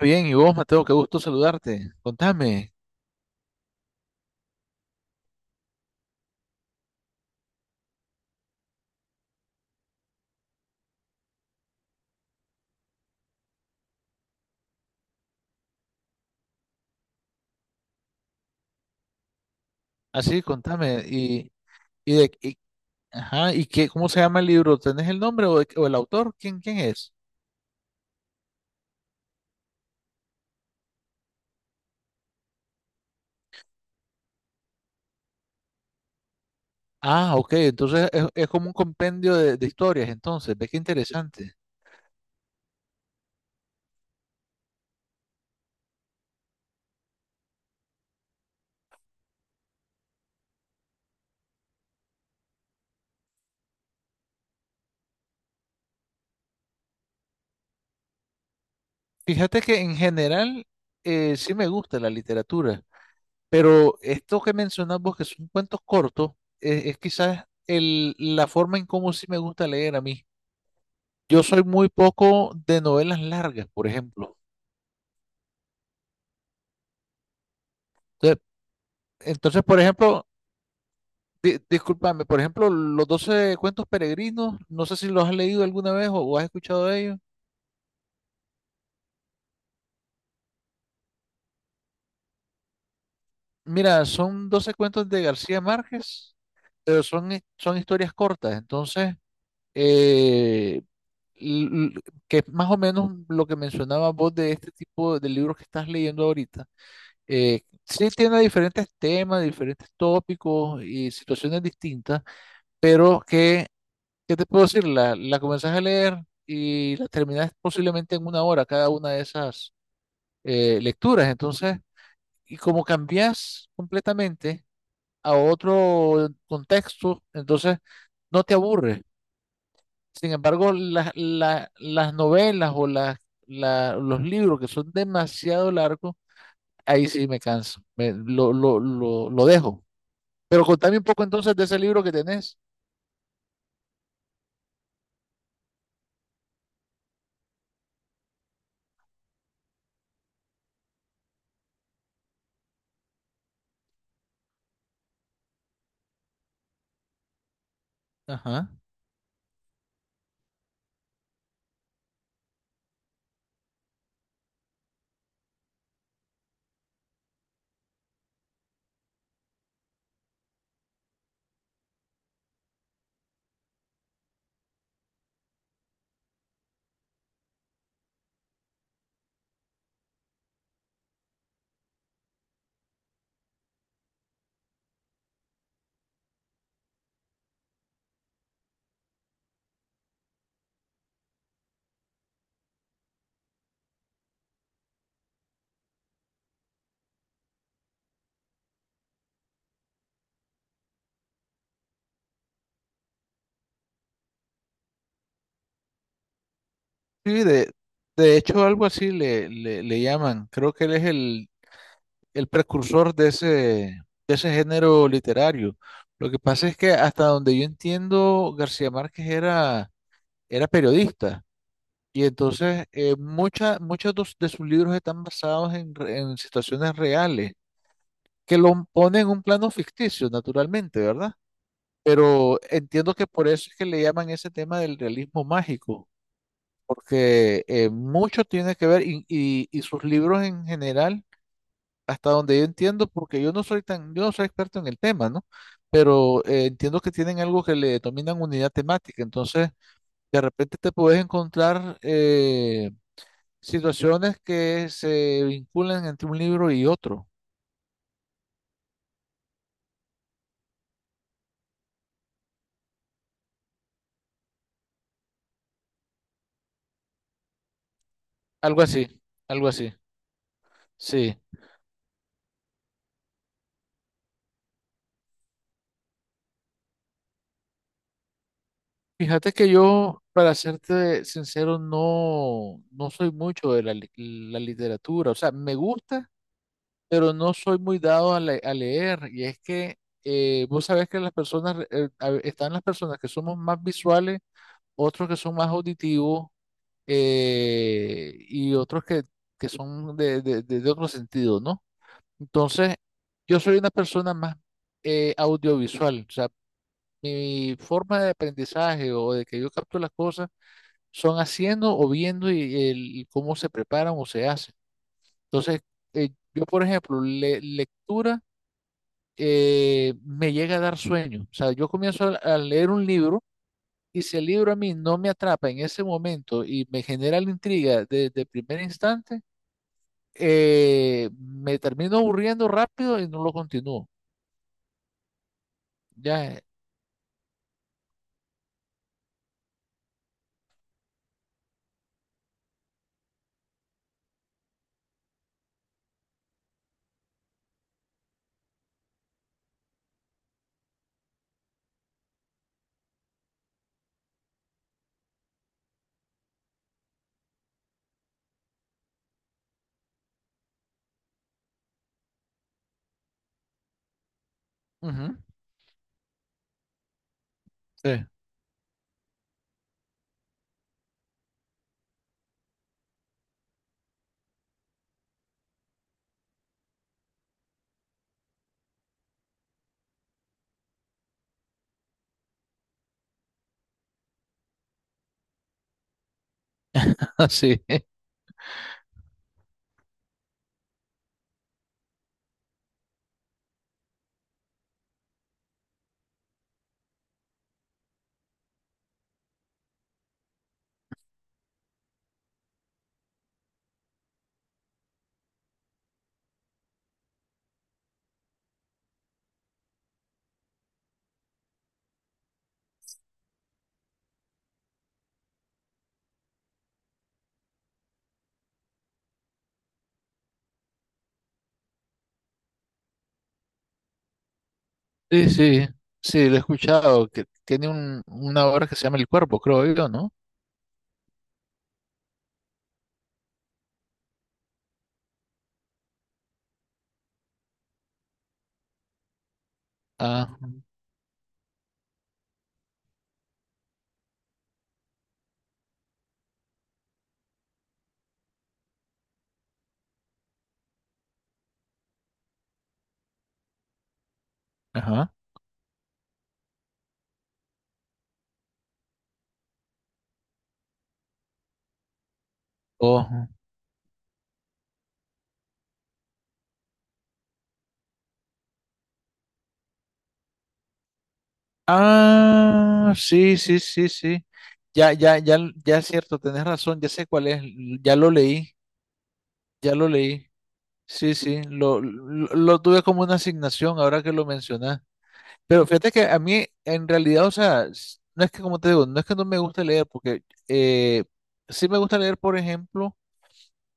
Bien, y vos, Mateo, qué gusto saludarte. Contame, así, contame. Y de, y- ajá, ¿ cómo se llama el libro? ¿Tenés el nombre o el autor? ¿ quién es? Ah, ok, entonces es como un compendio de historias, entonces, ve qué interesante. Fíjate que en general sí me gusta la literatura, pero esto que mencionas vos, que son cuentos cortos, es quizás la forma en cómo sí me gusta leer a mí. Yo soy muy poco de novelas largas, por ejemplo. Entonces, Entonces, por ejemplo, discúlpame, por ejemplo, los 12 cuentos peregrinos, no sé si los has leído alguna vez o has escuchado de ellos. Mira, son 12 cuentos de García Márquez, pero son historias cortas, entonces, eh, l- l- que es más o menos lo que mencionabas vos de este tipo de libros que estás leyendo ahorita. Sí tiene diferentes temas, diferentes tópicos y situaciones distintas, pero que ¿qué te puedo decir? La comenzás a leer y la terminás posiblemente en una hora cada una de esas lecturas. Entonces, y como cambias completamente a otro contexto, entonces no te aburre. Sin embargo, las novelas o los libros que son demasiado largos, ahí sí me canso, lo dejo. Pero contame un poco entonces de ese libro que tenés. Ajá. Sí, de hecho algo así le llaman. Creo que él es el precursor de de ese género literario. Lo que pasa es que hasta donde yo entiendo, era periodista y entonces muchos de sus libros están basados en, en situaciones reales, que lo ponen en un plano ficticio, naturalmente, ¿verdad? Pero entiendo que por eso es que le llaman ese tema del realismo mágico porque mucho tiene que ver y sus libros en general, hasta donde yo entiendo, porque yo no soy experto en el tema, ¿no? Pero entiendo que tienen algo que le denominan unidad temática, entonces de repente te puedes encontrar situaciones que se vinculan entre un libro y otro, algo así, algo así, sí. Fíjate que yo, para serte sincero, no soy mucho de la literatura, o sea, me gusta pero no soy muy dado a leer. Y es que vos sabés que las personas, están las personas que somos más visuales, otros que son más auditivos y otros que son de otro sentido, ¿no? Entonces, yo soy una persona más audiovisual. O sea, mi forma de aprendizaje o de que yo capto las cosas son haciendo o viendo y, cómo se preparan o se hacen. Entonces, yo, por ejemplo, lectura. Me llega a dar sueño. O sea, yo comienzo a leer un libro y si el libro a mí no me atrapa en ese momento y me genera la intriga desde el primer instante, me termino aburriendo rápido y no lo continúo. Ya, ujú, sí, así, sí, sí, sí, lo he escuchado, que tiene un, una obra que se llama El Cuerpo, creo yo, ¿no? Ah, ajá, oh. Ah, sí, sí, sí, sí. Ya, ya, ya, ya es cierto, tenés razón, ya sé cuál es, ya lo leí, ya lo leí. Sí, sí, lo tuve como una asignación ahora que lo mencionás. Pero fíjate que a mí, en realidad, o sea, no es que, como te digo, no es que no me guste leer, porque eh, sí me gusta leer, por ejemplo,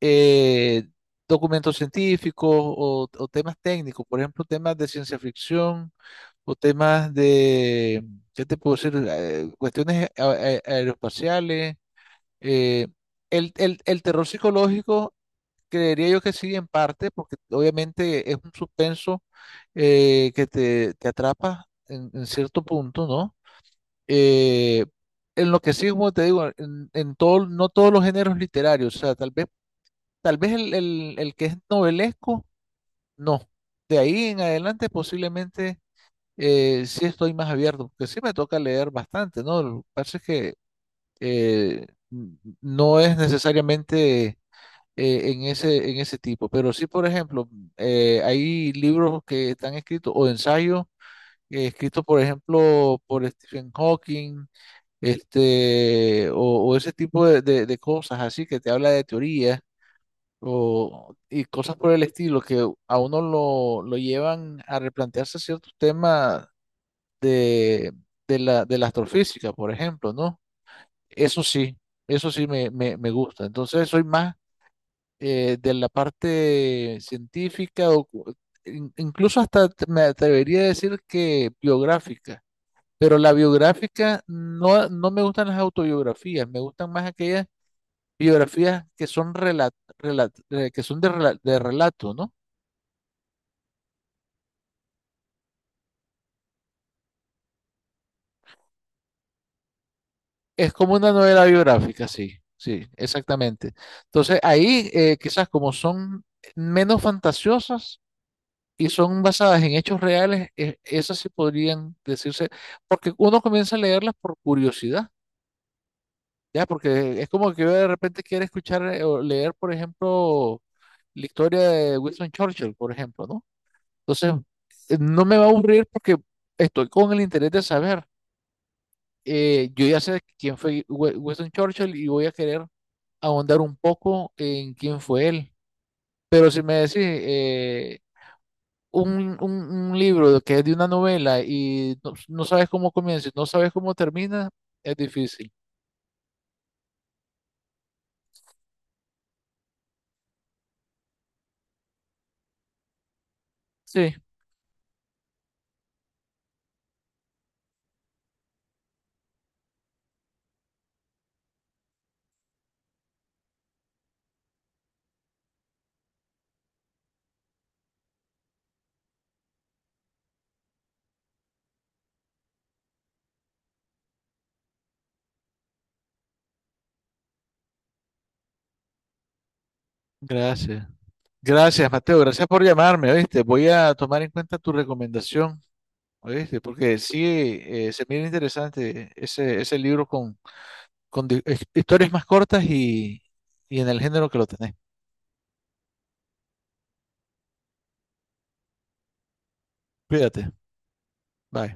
eh, documentos científicos o temas técnicos, por ejemplo, temas de ciencia ficción o temas de, ¿qué te puedo decir? Cuestiones aeroespaciales. eh, el terror psicológico, creería yo que sí, en parte, porque obviamente es un suspenso que te atrapa en cierto punto, ¿no? Eh, en lo que sí, como te digo, en todo, no todos los géneros literarios, o sea, tal vez, tal vez el que es novelesco, no. De ahí en adelante posiblemente sí estoy más abierto, porque sí me toca leer bastante, ¿no? Lo que pasa es que no es necesariamente en ese tipo, pero sí, por ejemplo, hay libros que están escritos o ensayos escritos, por ejemplo, por Stephen Hawking, este, o ese tipo de cosas así que te habla de teoría. O, y cosas por el estilo que a uno lo llevan a replantearse ciertos temas de, de la astrofísica, por ejemplo, ¿no? Eso sí, eso sí me gusta. Entonces soy más de la parte científica o incluso hasta me atrevería a decir que biográfica. Pero la biográfica no, no me gustan las autobiografías, me gustan más aquellas biografías que son de, de relato, ¿no? Es como una novela biográfica, sí, sí, exactamente. Entonces, ahí quizás como son menos fantasiosas y son basadas en hechos reales, esas sí podrían decirse, porque uno comienza a leerlas por curiosidad, ¿ya? Porque es como que yo de repente quiero escuchar o leer, por ejemplo, la historia de Winston Churchill, por ejemplo, ¿no? Entonces, no me va a aburrir porque estoy con el interés de saber. Yo ya sé quién fue Winston Churchill y voy a querer ahondar un poco en quién fue él. Pero si me decís un libro que es de una novela y no, no sabes cómo comienza y no sabes cómo termina, es difícil. Sí, gracias. Gracias, Mateo. Gracias por llamarme, ¿oíste? Voy a tomar en cuenta tu recomendación, ¿oíste? Porque sí, se mira interesante ese libro con historias más cortas y en el género que lo tenés. Cuídate. Bye.